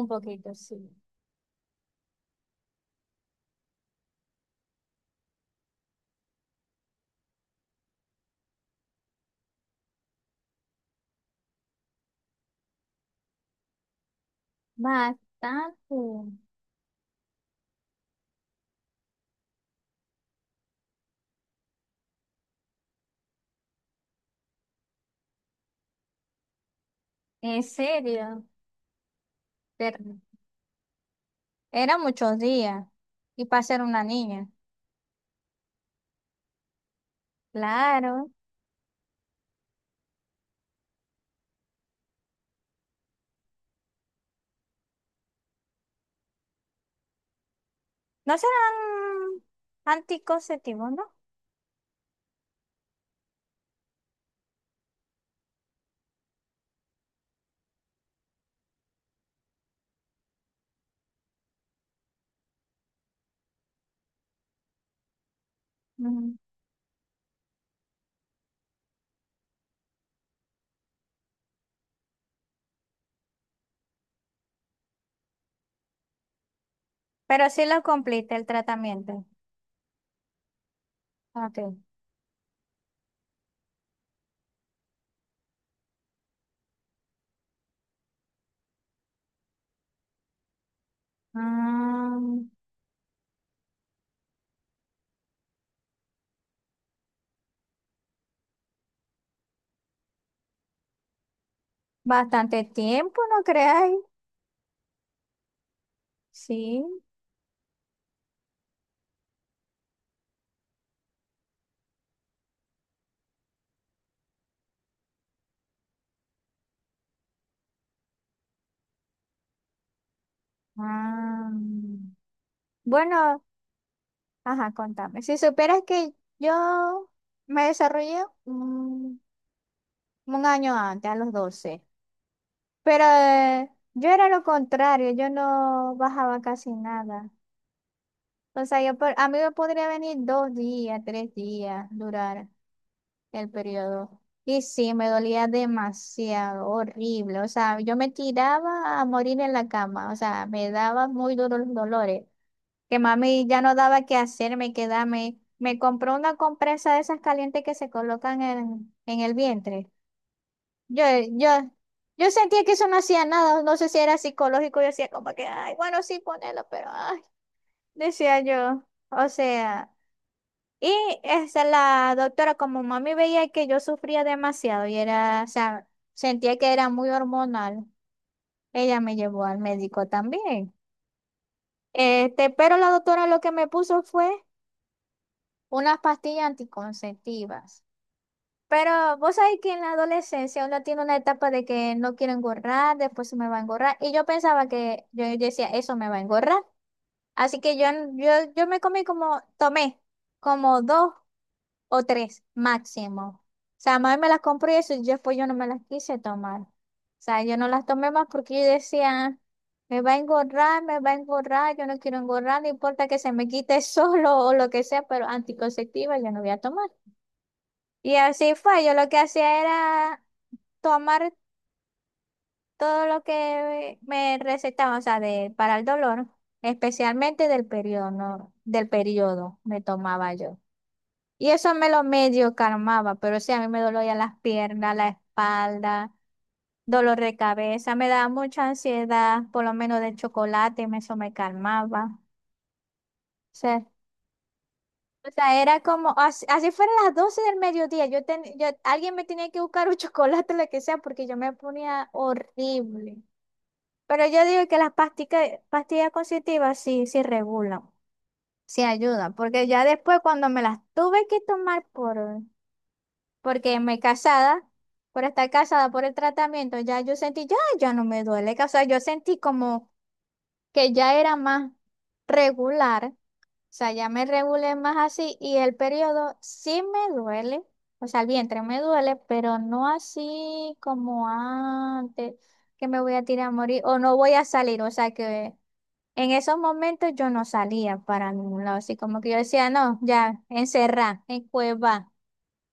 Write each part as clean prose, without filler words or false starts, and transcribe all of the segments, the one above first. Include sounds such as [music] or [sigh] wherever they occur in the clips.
Un poquito, sí. Bastante. En serio. Pero eran muchos días. Y para ser una niña. Claro. No serán anticonceptivos, ¿no? Ujú. Pero sí lo completa el tratamiento. Ok. Ah, bastante tiempo, ¿no creáis? Sí. Ah. Bueno, ajá, contame. Si supieras que yo me desarrollé un año antes, a los 12. Pero yo era lo contrario, yo no bajaba casi nada. O sea, a mí me podría venir 2 días, 3 días, durar el periodo. Y sí, me dolía demasiado, horrible. O sea, yo me tiraba a morir en la cama. O sea, me daba muy duros los dolores. Que mami ya no daba qué hacerme, quedarme. Me compró una compresa de esas calientes que se colocan en el vientre. Yo, yo, yo sentía que eso no hacía nada, no sé si era psicológico, yo decía como que, ay, bueno, sí, ponelo, pero, ay, decía yo, o sea, y esa, la doctora como mami veía que yo sufría demasiado y era, o sea, sentía que era muy hormonal, ella me llevó al médico también, este, pero la doctora lo que me puso fue unas pastillas anticonceptivas. Pero vos sabés que en la adolescencia uno tiene una etapa de que no quiero engordar, después se me va a engorrar. Y yo pensaba que yo decía, eso me va a engorrar. Así que yo me comí como, tomé como dos o tres máximo. O sea, mami me las compró y eso, y yo después yo no me las quise tomar. O sea, yo no las tomé más porque yo decía, me va a engorrar, me va a engorrar, yo no quiero engorrar, no importa que se me quite [laughs] solo o lo que sea, pero anticonceptiva yo no voy a tomar. Y así fue, yo lo que hacía era tomar todo lo que me recetaban, o sea, de, para el dolor, especialmente del periodo, ¿no? Del periodo me tomaba yo. Y eso me lo medio calmaba, pero sí, a mí me dolía las piernas, la espalda, dolor de cabeza, me daba mucha ansiedad, por lo menos del chocolate, eso me calmaba. O sea, o sea, era como, así, así fueron las 12 del mediodía, yo, alguien me tenía que buscar un [laughs] chocolate, lo que sea, porque yo me ponía horrible. Pero yo digo que las pastillas constitutivas sí, sí regulan, sí ayudan, porque ya después cuando me las tuve que tomar porque me casada, por estar casada por el tratamiento, ya yo sentí, ya, ya no me duele, o sea, yo sentí como que ya era más regular, o sea, ya me regulé más así y el periodo sí me duele, o sea, el vientre me duele, pero no así como antes, que me voy a tirar a morir o no voy a salir, o sea, que... En esos momentos yo no salía para ningún lado, así como que yo decía, no, ya, encerrá, en cueva.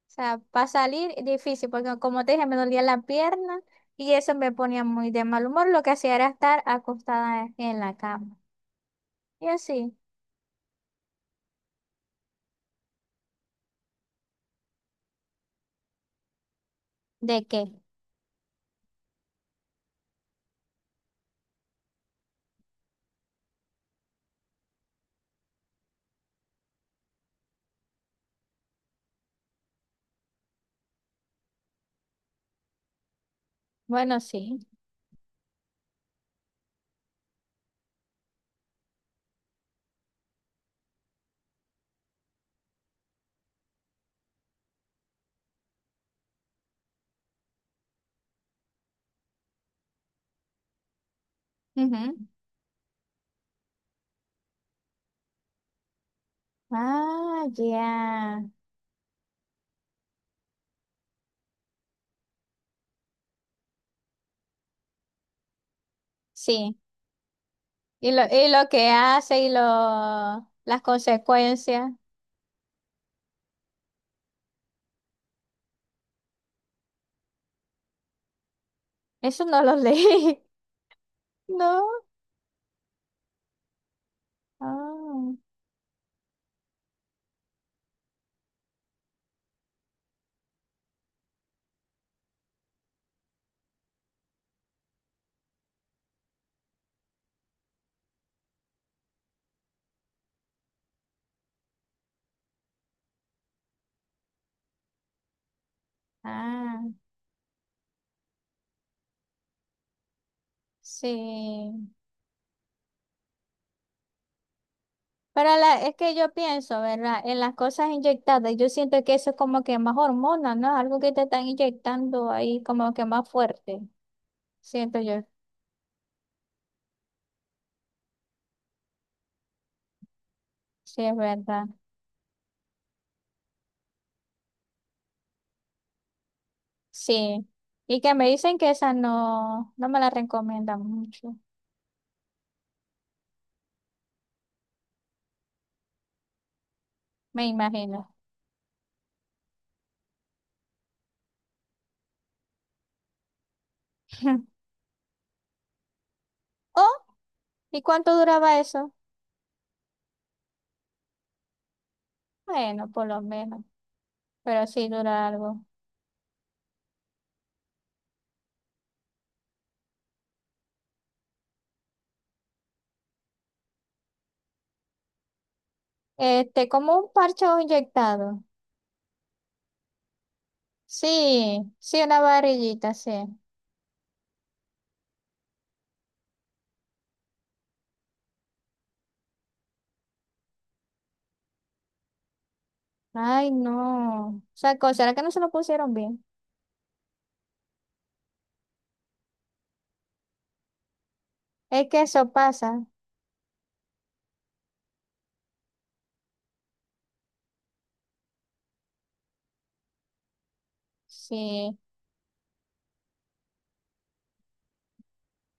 O sea, para salir difícil, porque como te dije, me dolía la pierna y eso me ponía muy de mal humor. Lo que hacía era estar acostada en la cama. Y así, ¿de qué? Bueno, sí. Ujú. Ah, ya. Sí. Y las consecuencias, eso no lo leí. [laughs] No. Ah. Ah. Sí, para la, es que yo pienso, ¿verdad? En las cosas inyectadas, yo siento que eso es como que más hormona, ¿no? Algo que te están inyectando ahí como que más fuerte, siento yo, sí es verdad, sí. Y que me dicen que esa no, no me la recomiendan mucho, me imagino. [laughs] Oh, ¿y cuánto duraba eso? Bueno, por lo menos, pero sí dura algo. Este, como un parche inyectado. Sí, sí, una varillita, sí. Ay, no. O sea, ¿será que no se lo pusieron bien? Es que eso pasa. Sí.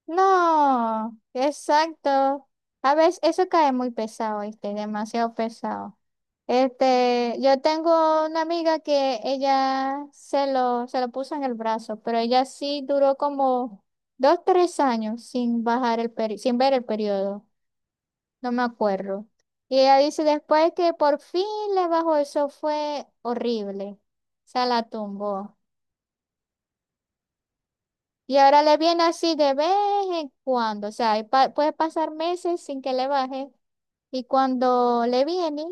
No, exacto. A veces eso cae muy pesado, este, demasiado pesado. Este, yo tengo una amiga que ella se lo puso en el brazo, pero ella sí duró como 2, 3 años sin bajar el sin ver el periodo. No me acuerdo. Y ella dice después que por fin le bajó, eso fue horrible. Se la tumbó. Y ahora le viene así de vez en cuando. O sea, y puede pasar meses sin que le baje. Y cuando le viene,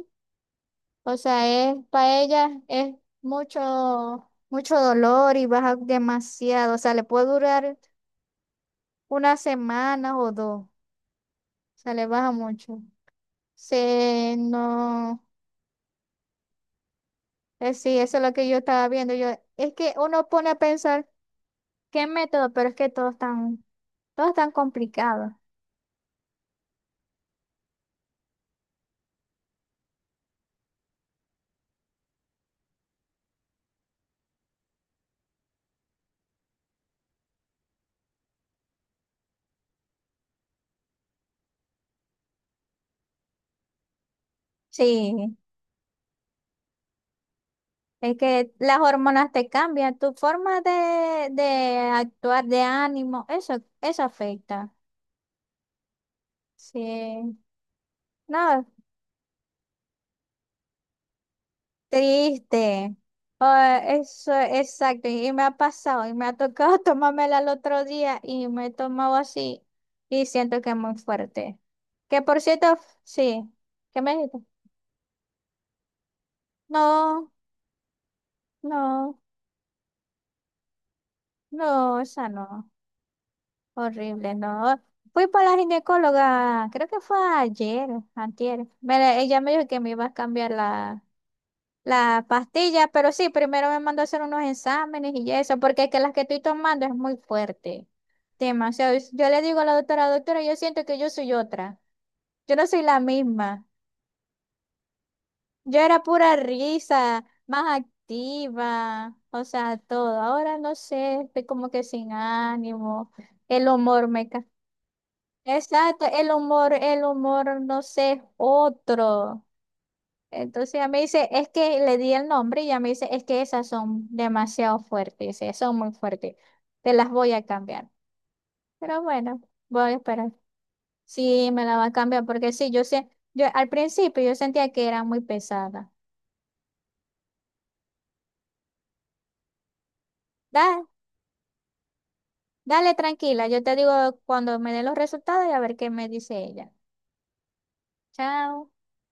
o sea, es para ella es mucho, mucho dolor y baja demasiado. O sea, le puede durar una semana o dos. O sea, le baja mucho. Se no. Sí, eso es lo que yo estaba viendo. Yo, es que uno pone a pensar qué método, pero es que todos están complicados. Sí, es que las hormonas te cambian, tu forma de actuar, de ánimo, eso afecta. Sí, no, triste. Ah, eso, exacto, y me ha pasado, y me ha tocado [laughs] tomármela el otro día, y me he tomado así, y siento que es muy fuerte. Que por cierto, sí, ¿qué me dijiste? No, no, no, esa no, horrible, no. Fui para la ginecóloga, creo que fue ayer, antier. Ella me dijo que me iba a cambiar la pastilla, pero sí, primero me mandó a hacer unos exámenes y eso, porque es que las que estoy tomando es muy fuerte, demasiado. Yo le digo a la doctora, doctora, yo siento que yo soy otra, yo no soy la misma. Yo era pura risa, más activa, o sea, todo. Ahora no sé, estoy como que sin ánimo. El humor me... Exacto, el humor, no sé, es otro. Entonces ella me dice, es que le di el nombre y ella me dice, es que esas son demasiado fuertes, dice, son muy fuertes. Te las voy a cambiar. Pero bueno, voy a esperar. Sí, me la va a cambiar porque sí, yo sé, yo al principio yo sentía que era muy pesada. Dale, tranquila, yo te digo cuando me den los resultados y a ver qué me dice ella. Chao.